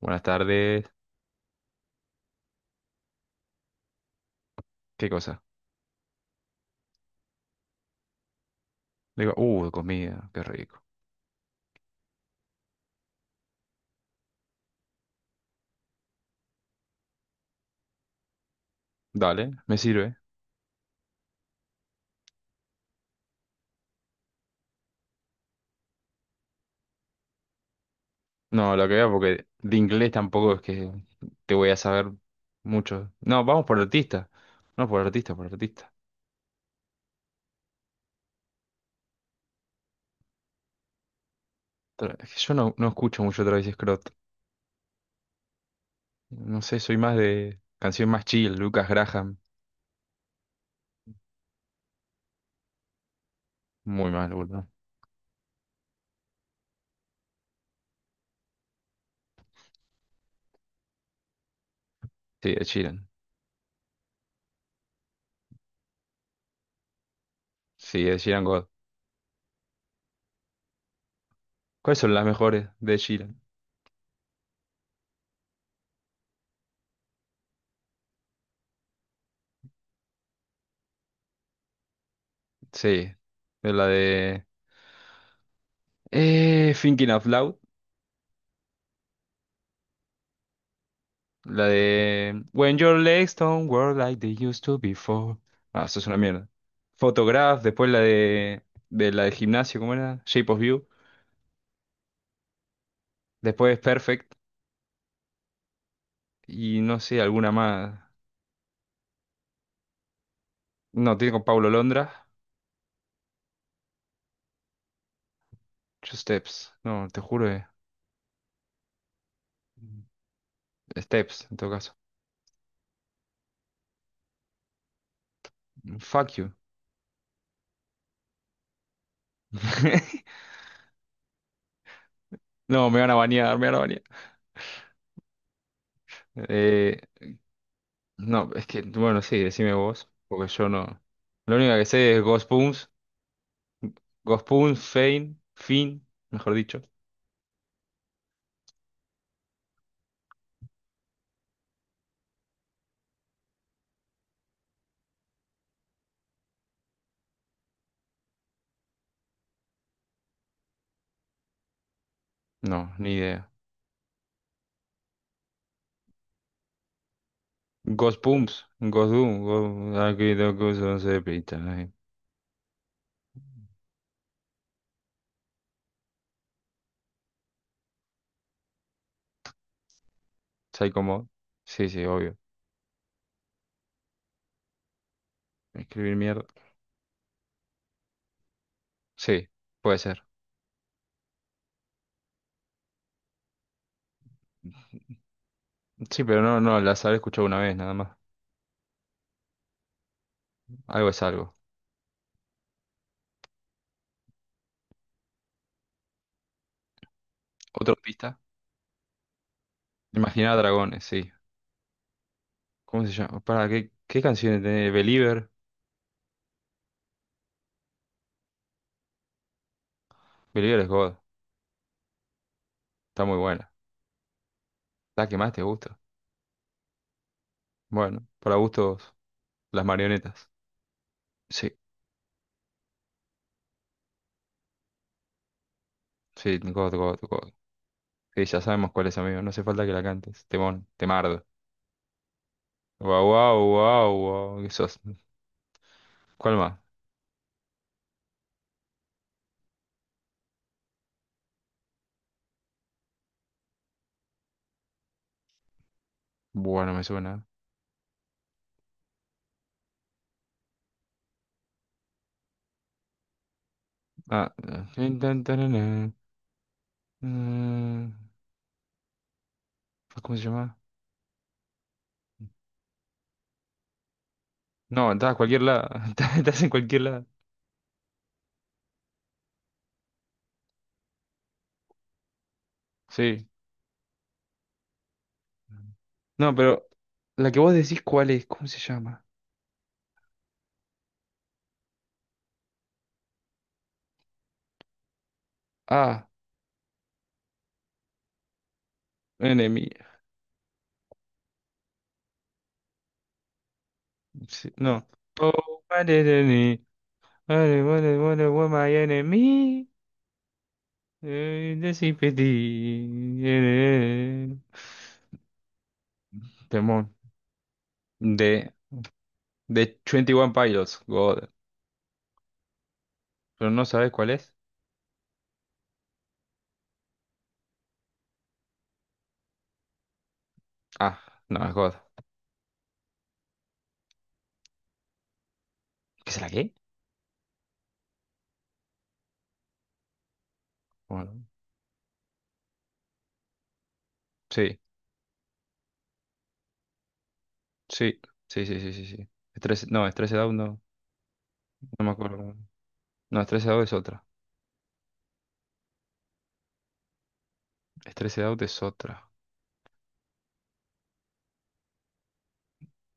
Buenas tardes. ¿Qué cosa? Digo, comida, qué rico. Dale, me sirve. No, lo que veo, porque de inglés tampoco es que te voy a saber mucho. No, vamos por artista. No, por artista, por artista. Es que yo no escucho mucho Travis Scott. No sé, soy más de canción más chill, Lucas Graham. Muy mal, boludo. Sí, de Sheeran. Sí, de Sheeran God. ¿Cuáles son las mejores de Sheeran? Sí, de la de... Thinking Out Loud. La de when your legs don't work like they used to before. Ah, eso es una mierda. Photograph, después de la de gimnasio, ¿cómo era? Shape of You. Después Perfect. Y no sé, alguna más. No, tiene con Paulo Londra. Two Steps. No, te juro. Steps, en todo caso. Fuck you. No, me van a banear, me van a banear. Eh, no, es que, bueno, sí, decime vos, porque yo no. Lo único que sé es Ghost Puns, Ghost Puns, Fein, Fin, mejor dicho. No, ni idea. Ghost Pumps, Ghost Doom, Ghost... Aquí dos cosas se pitan, eh. Psycho Mod. Sí, sí, obvio. Escribir mierda. Sí, puede ser. Sí, pero no, no, las habré escuchado una vez nada más. Algo es algo. Otra pista. Imaginar dragones, sí. ¿Cómo se llama? Para, ¿qué, qué canciones tiene? Believer. Believer es God. Está muy buena. La que más te gusta. Bueno, para gustos, las marionetas. Sí, sí, God, God, God. Sí, ya sabemos cuál es, amigo. No hace falta que la cantes. Temón, temardo. Wow, wow, wow, wow. ¿Qué sos? ¿Cuál más? Bueno, me suena. Ah. Tan, tarana, mm, ¿cómo se llama? No, estás a cualquier lado. Estás en cualquier lado. Sí. No, pero la que vos decís, ¿cuál es? ¿Cómo se llama? Ah, enemy. Sí, no. Oh, what is enemy? What is, what is, what is, what my enemy? The sympathy. Eh. Temón. De De 21 Pilots, God. ¿Pero no sabes cuál es? Ah, no, es God. ¿Qué es la qué? Bueno, sí, sí, sí, sí, sí, sí, sí. Stress- no, Stressed Out no, no me acuerdo. No, Stressed Out es otra. Stressed Out es otra.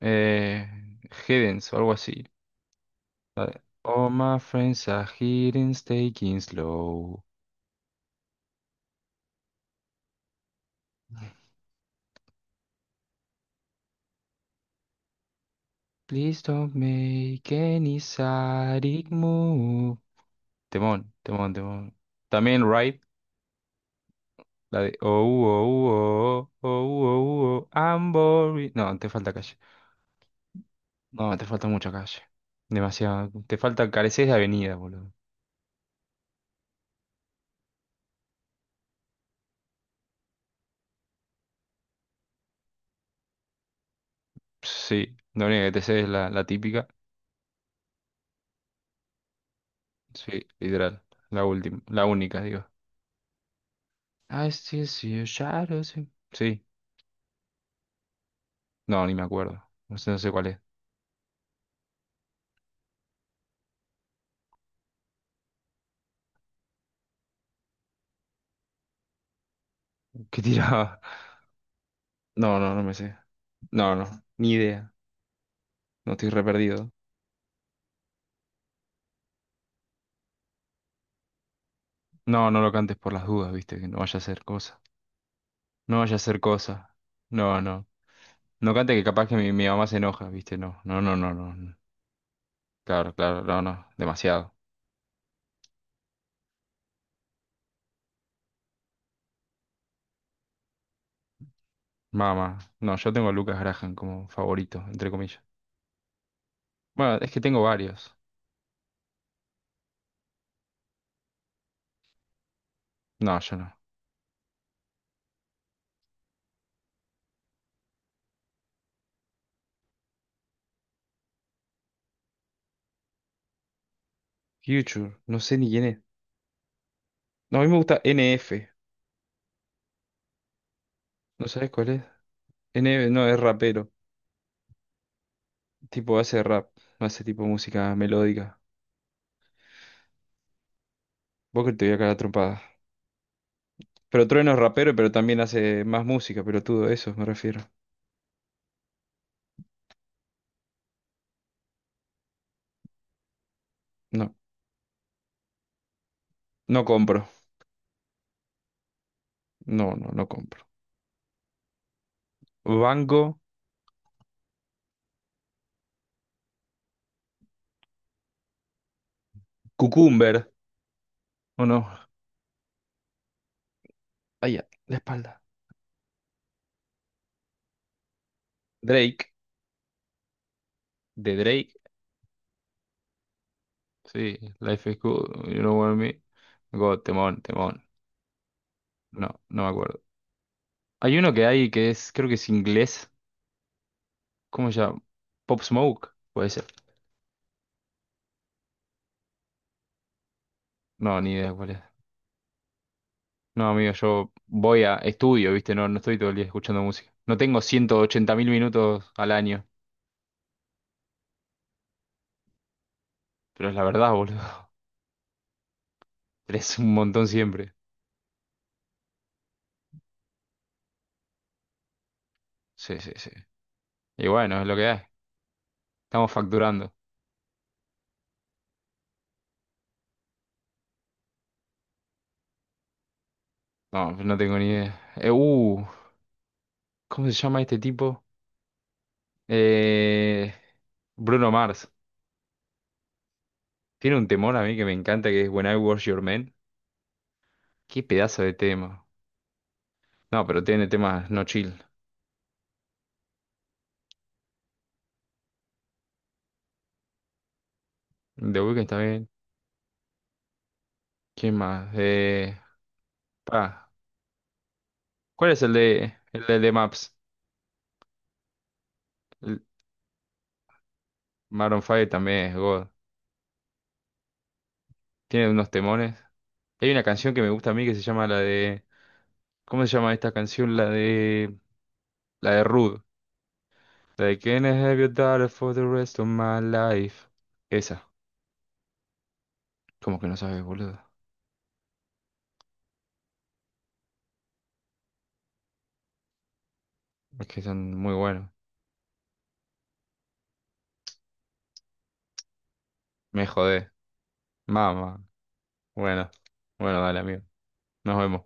Eh, Hiddens o algo así. All my friends are hidden, taking slow. Please don't make any sadic move. Temón, temón, temón. También Ride, la de oh, oh, oh, oh, oh, oh, oh, I'm boring. No, te falta calle. No, te falta mucha calle. Demasiado. Te falta, careces de avenida, boludo. Sí, la única que te sé es la, la típica. Sí, literal. La última, la única, digo. I still see your shadows in... Sí. No, ni me acuerdo. No sé, no sé cuál es. ¿Qué tiraba? No, no, no me sé. No, no, ni idea. No estoy re perdido. No, no lo cantes por las dudas, viste, que no vaya a ser cosa. No vaya a ser cosa. No, no. No cante que capaz que mi mamá se enoja, ¿viste? No, no, no, no, no, no. Claro, claro, no, no. Demasiado. Mamá. No, yo tengo a Lucas Graham como favorito, entre comillas. Bueno, es que tengo varios. No, yo no. Future, no sé ni quién es. No, a mí me gusta N F. ¿No sabes cuál es? NF, no, es rapero. Tipo, hace rap. Hace tipo música melódica. Vos que te voy a cagar a trompadas. Pero Trueno es rapero, pero también hace más música, pero todo eso me refiero. No, no compro. No, no, no compro. Banco. Cucumber. ¿O no? Allá, la espalda. Drake, de Drake, sí, Life is Good, You Know What I Mean. God, temón, temón. No, no me acuerdo. Hay uno que hay que es, creo que es inglés. ¿Cómo se llama? Pop Smoke, puede ser. No, ni idea cuál es. No, amigo, yo voy a estudio, ¿viste? No, no estoy todo el día escuchando música. No tengo 180 mil minutos al año, pero es la verdad, boludo. Es un montón siempre. Sí, sí, sí. Y bueno, es lo que hay. Estamos facturando. No, no tengo ni idea. ¿Cómo se llama este tipo? Eh, Bruno Mars. Tiene un temor a mí que me encanta que es When I Was Your Man. Qué pedazo de tema. No, pero tiene temas no chill. The Weeknd está bien. ¿Quién más? Pa. ¿Cuál es el de el de The Maps? El Maroon 5 también es God. Tiene unos temores. Hay una canción que me gusta a mí que se llama la de. ¿Cómo se llama esta canción? La de. La de Rude. La de can I have your daughter for the rest of my life? Esa. ¿Cómo que no sabes, boludo? Es que son muy buenos. Me jodé. Mamá. Bueno, bueno, dale, amigo. Nos vemos.